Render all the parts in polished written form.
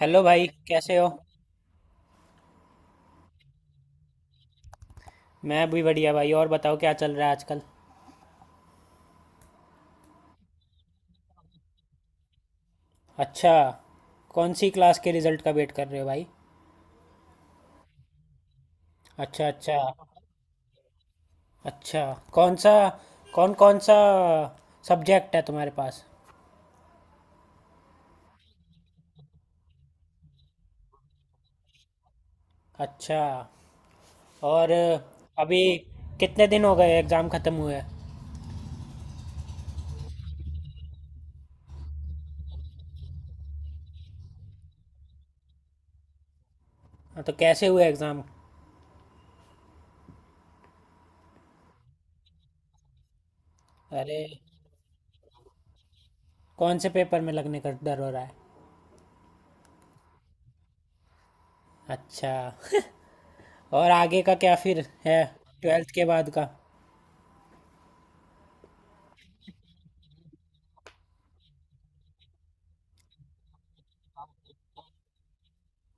Hello भाई, कैसे हो। मैं भी बढ़िया भाई। और बताओ क्या चल रहा है आजकल। अच्छा। कौन सी क्लास के रिजल्ट का वेट कर रहे हो भाई। अच्छा, अच्छा। अच्छा, कौन सा कौन कौन सा सब्जेक्ट है तुम्हारे पास। अच्छा। और? अभी कितने दिन हो गए एग्ज़ाम ख़त्म हुए, हाँ? तो कैसे हुए एग्ज़ाम। अरे, कौन से पेपर में लगने का डर हो रहा है? अच्छा। और आगे का क्या फिर है? 12th के बाद का?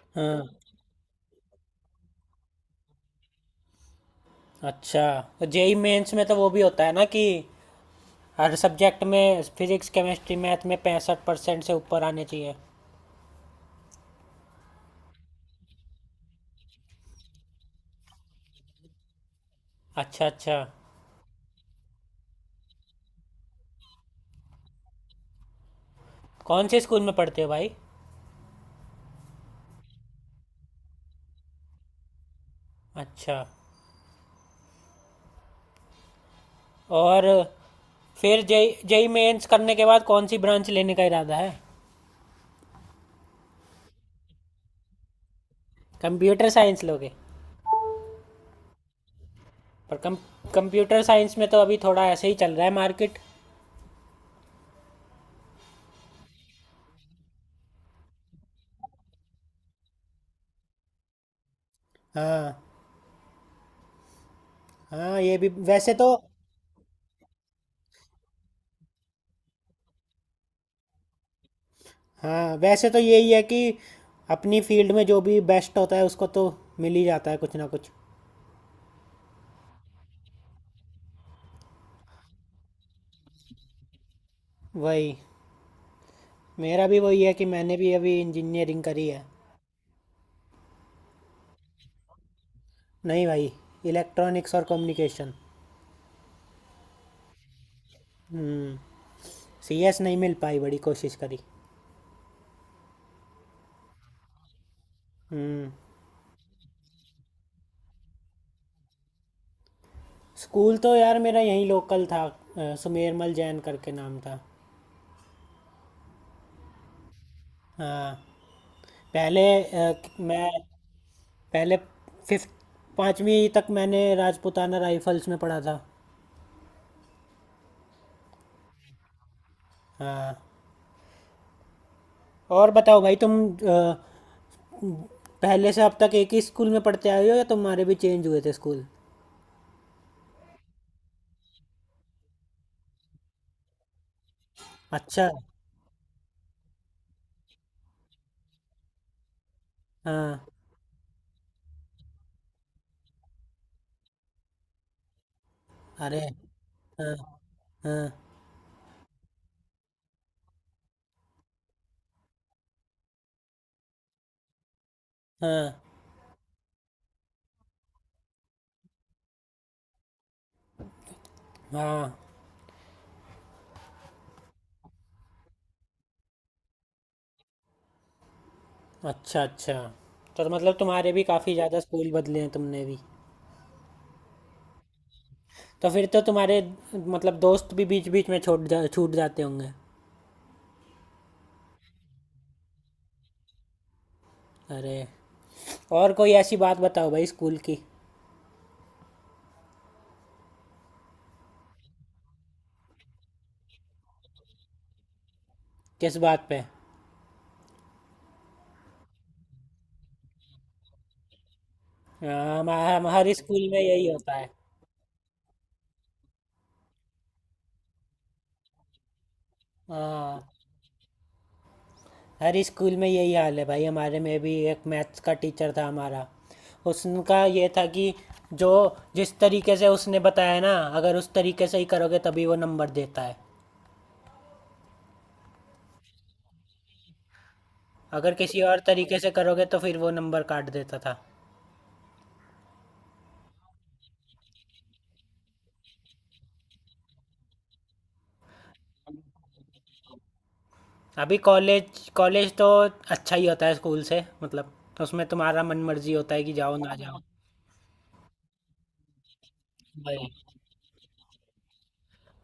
हाँ। अच्छा, तो जेई मेंस में तो वो भी होता है ना कि हर सब्जेक्ट में फिजिक्स केमिस्ट्री मैथ में 65% से ऊपर आने चाहिए। अच्छा, अच्छा। कौन से स्कूल में पढ़ते हो भाई? अच्छा। और फिर जेई जेई मेंस करने के बाद कौन सी ब्रांच लेने का इरादा है? कंप्यूटर साइंस लोगे? पर कम, कंप्यूटर साइंस में तो अभी थोड़ा ऐसे ही चल रहा है मार्केट। हाँ, हाँ ये भी वैसे तो। हाँ वैसे तो यही है कि अपनी फील्ड में जो भी बेस्ट होता है उसको तो मिल ही जाता है कुछ ना कुछ। वही, मेरा भी वही है कि मैंने भी अभी इंजीनियरिंग करी है। नहीं भाई, इलेक्ट्रॉनिक्स और कम्युनिकेशन। हम्म। सी एस नहीं मिल पाई, बड़ी कोशिश करी। हम्म। स्कूल तो यार मेरा यहीं लोकल था, सुमेरमल जैन करके नाम था। हाँ, पहले मैं पहले फिफ्थ पाँचवीं तक मैंने राजपूताना राइफल्स में पढ़ा था। हाँ, और बताओ भाई तुम, पहले से अब तक एक ही स्कूल में पढ़ते आए हो या तुम्हारे भी चेंज हुए थे स्कूल? अच्छा। हाँ। अरे, हाँ, हाँ, हाँ, हाँ। अच्छा, अच्छा। तो मतलब तुम्हारे भी काफ़ी ज़्यादा स्कूल बदले हैं तुमने भी। तो फिर तो तुम्हारे, मतलब दोस्त भी बीच बीच में छोड़ जा छूट जाते होंगे। अरे। और कोई ऐसी बात बताओ भाई स्कूल की। किस बात पे? हाँ, हमारे स्कूल में यही होता है। हाँ, हर स्कूल में यही हाल है भाई। हमारे में भी एक मैथ्स का टीचर था हमारा, उसका ये था कि जो जिस तरीके से उसने बताया ना, अगर उस तरीके से ही करोगे तभी वो नंबर देता है। अगर किसी और तरीके से करोगे तो फिर वो नंबर काट देता था। अभी कॉलेज, कॉलेज तो अच्छा ही होता है स्कूल से। मतलब उसमें तुम्हारा मन मर्जी होता है कि जाओ ना जाओ। भाई,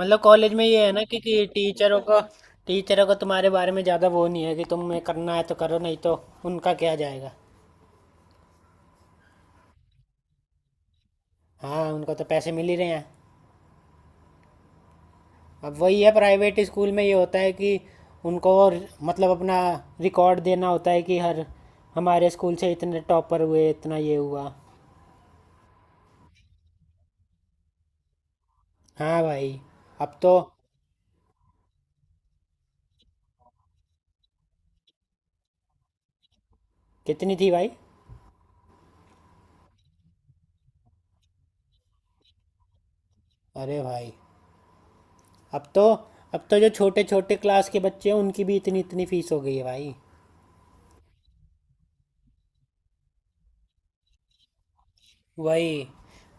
मतलब कॉलेज में ये है ना कि टीचरों को, टीचरों को तुम्हारे बारे में ज़्यादा वो नहीं है कि तुम्हें करना है तो करो, नहीं तो उनका क्या जाएगा। हाँ, उनको तो पैसे मिल ही रहे हैं। अब वही है, प्राइवेट स्कूल में ये होता है कि उनको और, मतलब अपना रिकॉर्ड देना होता है कि हर, हमारे स्कूल से इतने टॉपर हुए इतना ये हुआ। हाँ भाई, अब तो। कितनी थी भाई? अरे भाई, अब तो, अब तो जो छोटे छोटे क्लास के बच्चे हैं उनकी भी इतनी इतनी फीस हो गई है भाई। वही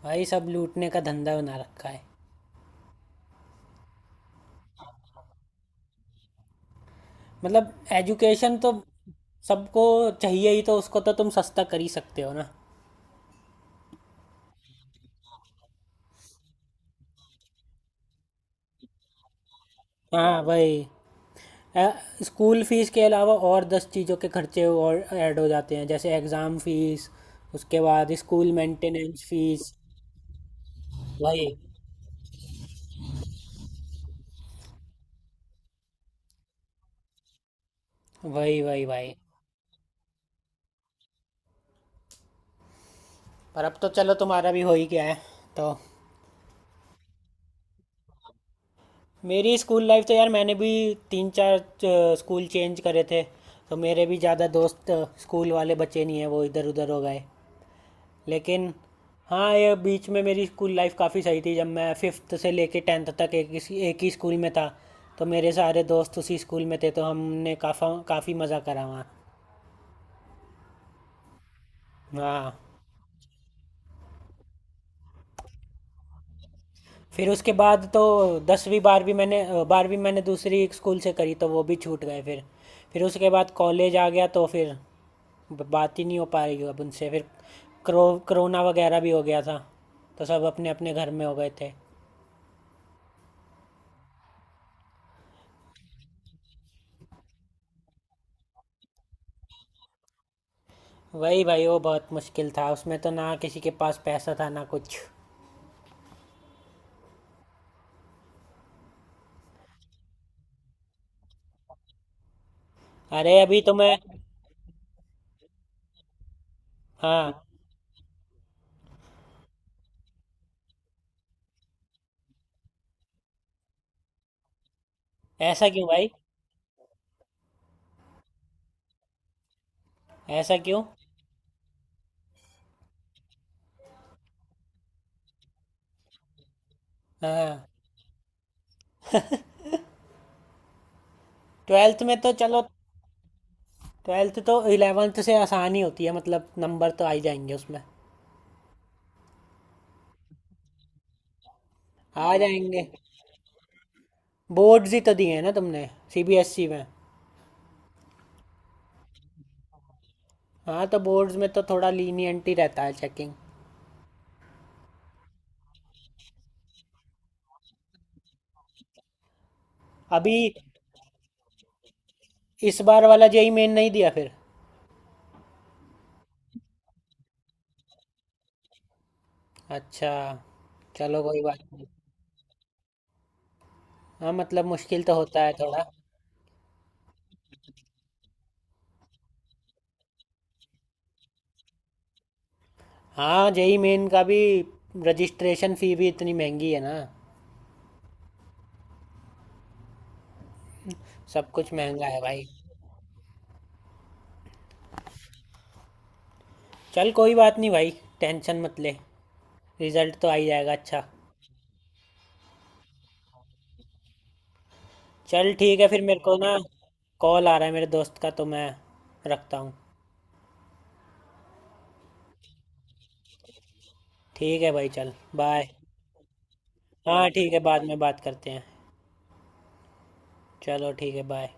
भाई, सब लूटने का धंधा बना रखा है। मतलब एजुकेशन तो सबको चाहिए ही, तो उसको तो तुम सस्ता कर ही सकते हो ना। हाँ भाई, अ, स्कूल फीस के अलावा और 10 चीज़ों के खर्चे और ऐड हो जाते हैं, जैसे एग्ज़ाम फीस, उसके बाद स्कूल मेंटेनेंस फीस। वही, वही, वही, वही। पर अब तो चलो तुम्हारा भी हो ही गया है तो। मेरी स्कूल लाइफ तो यार मैंने भी तीन चार स्कूल चेंज करे थे, तो मेरे भी ज़्यादा दोस्त, स्कूल वाले बचे नहीं हैं, वो इधर उधर हो गए। लेकिन हाँ, ये बीच में मेरी स्कूल लाइफ काफ़ी सही थी जब मैं फिफ्थ से लेके 10th तक एक ही स्कूल में था। तो मेरे सारे दोस्त उसी स्कूल में थे तो हमने काफ़ा काफ़ी मज़ा करा वहाँ। हाँ, फिर उसके बाद तो दसवीं बारहवीं मैंने अ, 12वीं मैंने दूसरी एक स्कूल से करी, तो वो भी छूट गए फिर। फिर उसके बाद कॉलेज आ गया तो फिर बात ही नहीं हो पा रही अब उनसे। फिर करो कोरोना वगैरह भी हो गया था, तो सब अपने अपने घर में हो गए थे। वही भाई, वो बहुत मुश्किल था, उसमें तो ना किसी के पास पैसा था ना कुछ। अरे, अभी तो मैं, हाँ। ऐसा क्यों भाई? ऐसा क्यों? हाँ, 12th में तो चलो, 12th तो 11th से आसान ही होती है। मतलब नंबर तो आ ही जाएंगे उसमें। आ जाएंगे। बोर्ड्स ही तो दिए हैं ना तुमने, सीबीएसई में? हाँ, तो बोर्ड्स में तो थोड़ा लीनियंट ही रहता है चेकिंग। अभी इस बार वाला जेई मेन नहीं दिया फिर? अच्छा, चलो कोई बात नहीं। हाँ मतलब मुश्किल तो होता है थोड़ा। हाँ, जेई मेन का भी रजिस्ट्रेशन फी भी इतनी महंगी है ना। सब कुछ महंगा है भाई। चल कोई बात नहीं भाई, टेंशन मत ले, रिजल्ट तो आ ही जाएगा अच्छा। चल ठीक है, फिर मेरे को ना कॉल आ रहा है मेरे दोस्त का, तो मैं रखता हूँ। ठीक है भाई, चल बाय। हाँ ठीक है, बाद में बात करते हैं। चलो ठीक है बाय।